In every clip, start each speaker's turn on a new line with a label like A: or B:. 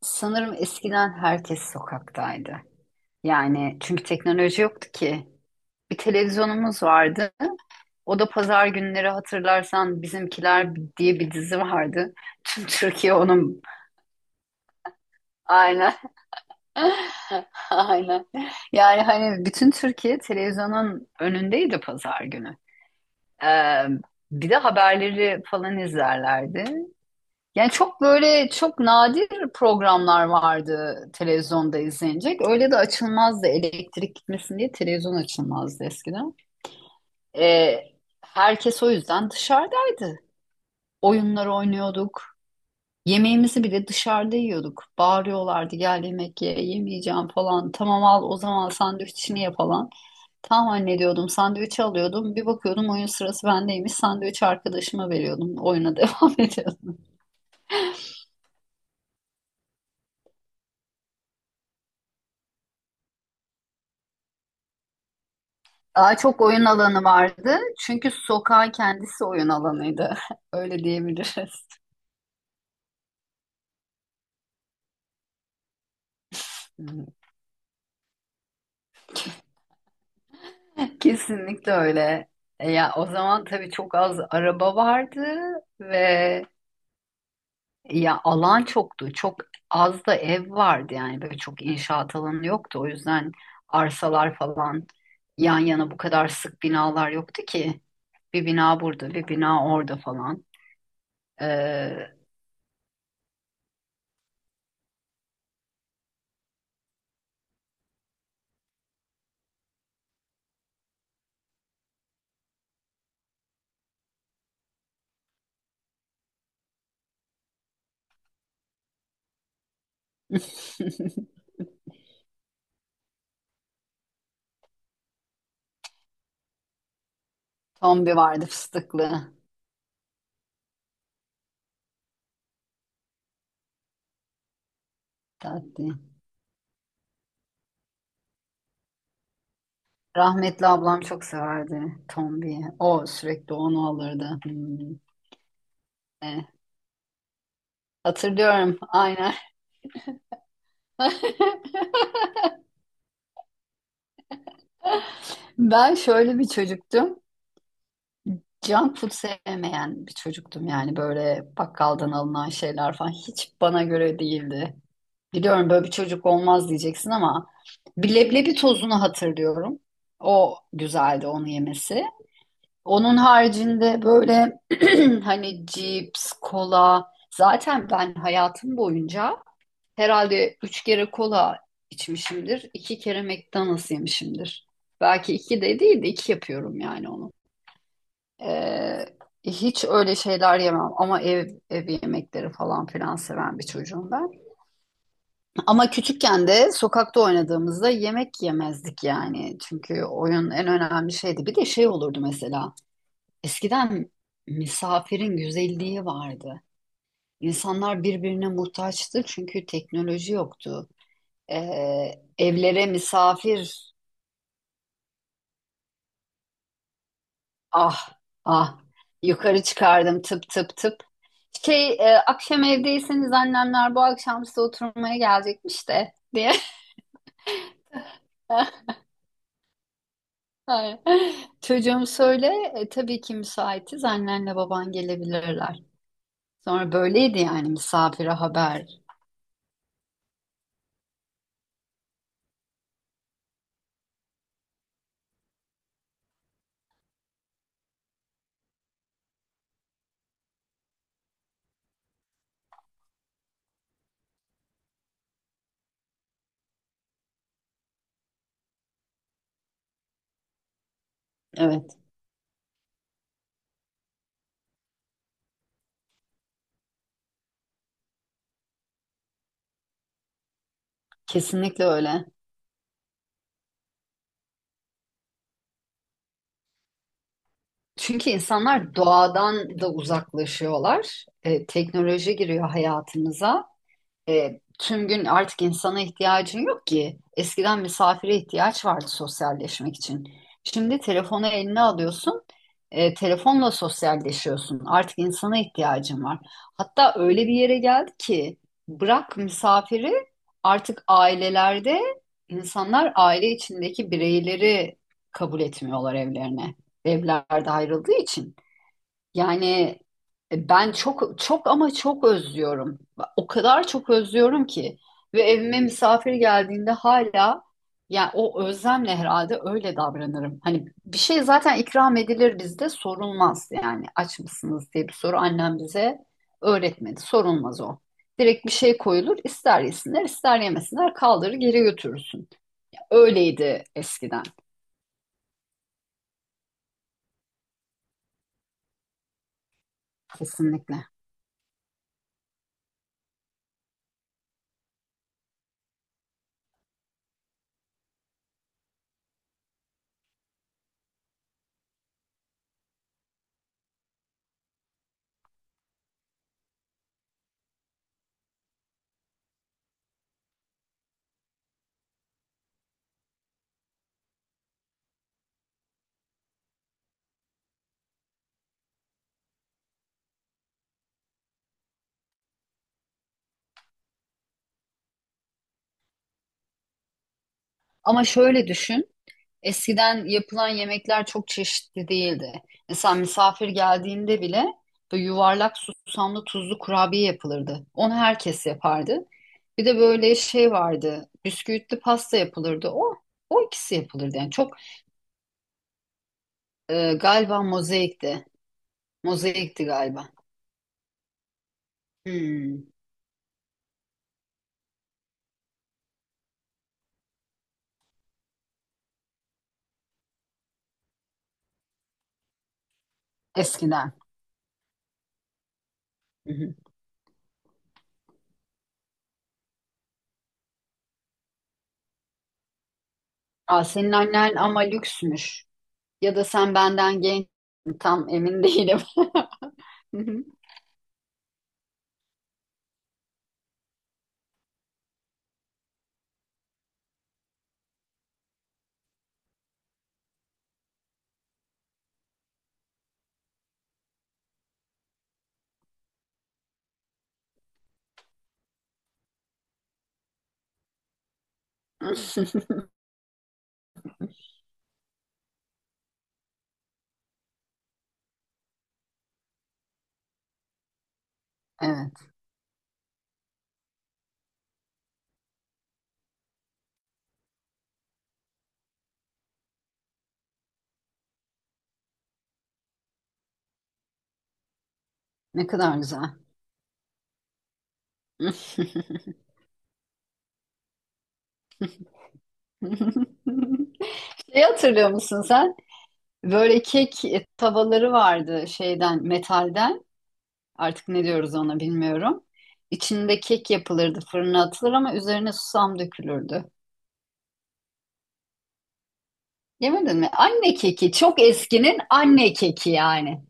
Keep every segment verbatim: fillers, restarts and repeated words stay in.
A: Sanırım eskiden herkes sokaktaydı. Yani çünkü teknoloji yoktu ki. Bir televizyonumuz vardı. O da pazar günleri hatırlarsan Bizimkiler diye bir dizi vardı. Tüm Türkiye onun. Aynen. Aynen. Yani hani bütün Türkiye televizyonun önündeydi pazar günü. Ee, Bir de haberleri falan izlerlerdi. Yani çok böyle çok nadir programlar vardı televizyonda izlenecek. Öyle de açılmazdı, elektrik gitmesin diye televizyon açılmazdı eskiden. Ee, Herkes o yüzden dışarıdaydı. Oyunlar oynuyorduk. Yemeğimizi bile dışarıda yiyorduk. Bağırıyorlardı, gel yemek ye, yemeyeceğim falan. Tamam, al o zaman sandviçini ye falan. Tamam anne diyordum, sandviçi alıyordum. Bir bakıyordum oyun sırası bendeymiş. Sandviçi arkadaşıma veriyordum. Oyuna devam ediyordum. Daha çok oyun alanı vardı. Çünkü sokağın kendisi oyun alanıydı. Öyle diyebiliriz. Hı. Kesinlikle öyle. E, Ya o zaman tabii çok az araba vardı ve ya alan çoktu. Çok az da ev vardı, yani böyle çok inşaat alanı yoktu. O yüzden arsalar falan yan yana bu kadar sık binalar yoktu ki. Bir bina burada, bir bina orada falan. Ee, Tombi vardı fıstıklı. Tatlı. Rahmetli ablam çok severdi Tombi'yi. O sürekli onu alırdı. Hmm. E, Hatırlıyorum aynen. Ben şöyle bir çocuktum. Junk food sevmeyen bir çocuktum, yani böyle bakkaldan alınan şeyler falan hiç bana göre değildi. Biliyorum böyle bir çocuk olmaz diyeceksin ama bir leblebi tozunu hatırlıyorum. O güzeldi, onu yemesi. Onun haricinde böyle hani cips, kola, zaten ben hayatım boyunca herhalde üç kere kola içmişimdir. iki kere McDonald's yemişimdir. Belki iki de değil de iki yapıyorum yani onu. Ee, Hiç öyle şeyler yemem ama ev, ev yemekleri falan filan seven bir çocuğum ben. Ama küçükken de sokakta oynadığımızda yemek yemezdik yani. Çünkü oyun en önemli şeydi. Bir de şey olurdu mesela. Eskiden misafirin güzelliği vardı. İnsanlar birbirine muhtaçtı, çünkü teknoloji yoktu. Ee, evlere misafir, ah ah, yukarı çıkardım tıp tıp tıp. Şey, e, akşam evdeyseniz annemler bu akşam size oturmaya gelecekmiş de diye. Aynen. Çocuğum söyle, e, tabii ki müsaitiz, annenle baban gelebilirler. Sonra böyleydi yani, misafire haber. Evet, kesinlikle öyle. Çünkü insanlar doğadan da uzaklaşıyorlar. E, teknoloji giriyor hayatımıza. E, tüm gün artık insana ihtiyacın yok ki. Eskiden misafire ihtiyaç vardı sosyalleşmek için. Şimdi telefonu eline alıyorsun, e, telefonla sosyalleşiyorsun. Artık insana ihtiyacın var. Hatta öyle bir yere geldi ki, bırak misafiri, artık ailelerde insanlar aile içindeki bireyleri kabul etmiyorlar evlerine. Evlerde ayrıldığı için. Yani e, ben çok çok ama çok özlüyorum. O kadar çok özlüyorum ki, ve evime misafir geldiğinde hala, yani o özlemle herhalde öyle davranırım. Hani bir şey zaten ikram edilir bizde, sorulmaz, yani aç mısınız diye bir soru annem bize öğretmedi. Sorulmaz o. Direkt bir şey koyulur, ister yesinler, ister yemesinler, kaldırır geri götürürsün. Öyleydi eskiden, kesinlikle. Ama şöyle düşün. Eskiden yapılan yemekler çok çeşitli değildi. Mesela misafir geldiğinde bile böyle yuvarlak susamlı tuzlu kurabiye yapılırdı. Onu herkes yapardı. Bir de böyle şey vardı. Bisküvitli pasta yapılırdı. O o ikisi yapılırdı. Yani çok, e, galiba mozaikti. Mozaikti galiba. Hmm, eskiden. Hı hı. Aa, senin annen ama lüksmüş. Ya da sen benden genç, tam emin değilim. Evet. Ne kadar güzel. Şeyi hatırlıyor musun sen? Böyle kek e, tavaları vardı şeyden, metalden. Artık ne diyoruz ona bilmiyorum. İçinde kek yapılırdı, fırına atılır ama üzerine susam dökülürdü. Yemedin mi? Anne keki, çok eskinin anne keki yani.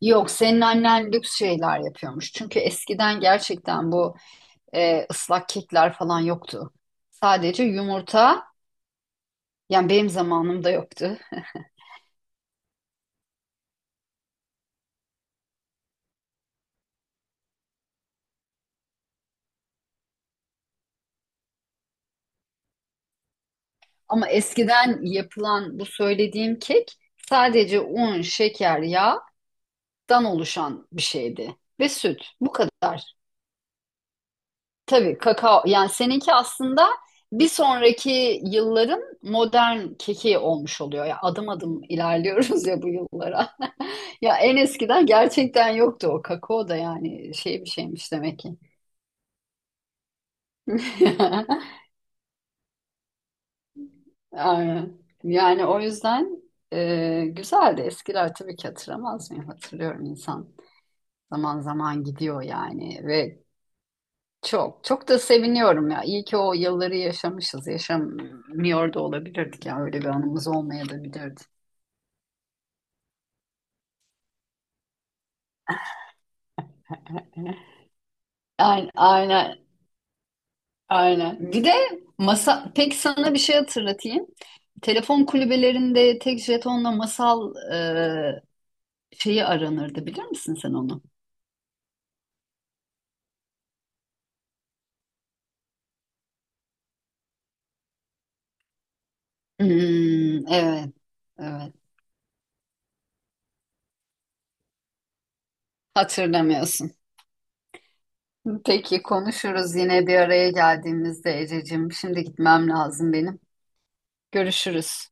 A: Yok, senin annen lüks şeyler yapıyormuş. Çünkü eskiden gerçekten bu e, ıslak kekler falan yoktu. Sadece yumurta, yani benim zamanımda yoktu. Ama eskiden yapılan bu söylediğim kek sadece un, şeker, yağdan oluşan bir şeydi ve süt. Bu kadar. Tabii kakao, yani seninki aslında bir sonraki yılların modern keki olmuş oluyor. Ya adım adım ilerliyoruz ya bu yıllara. Ya en eskiden gerçekten yoktu o kakao da, yani şey bir şeymiş demek ki. Aynen. Yani o yüzden e, güzeldi. Eskiler tabii ki hatırlamaz mı? Hatırlıyorum insan. Zaman zaman gidiyor yani, ve çok çok da seviniyorum ya. İyi ki o yılları yaşamışız. Yaşamıyor da olabilirdik ya. Öyle bir anımız olmayabilirdi. Aynen, aynen, aynen. Bir de masa, peki sana bir şey hatırlatayım. Telefon kulübelerinde tek jetonla masal e, şeyi aranırdı, bilir misin sen onu? Hmm, evet, evet. Hatırlamıyorsun. Peki konuşuruz yine bir araya geldiğimizde Ececiğim. Şimdi gitmem lazım benim. Görüşürüz.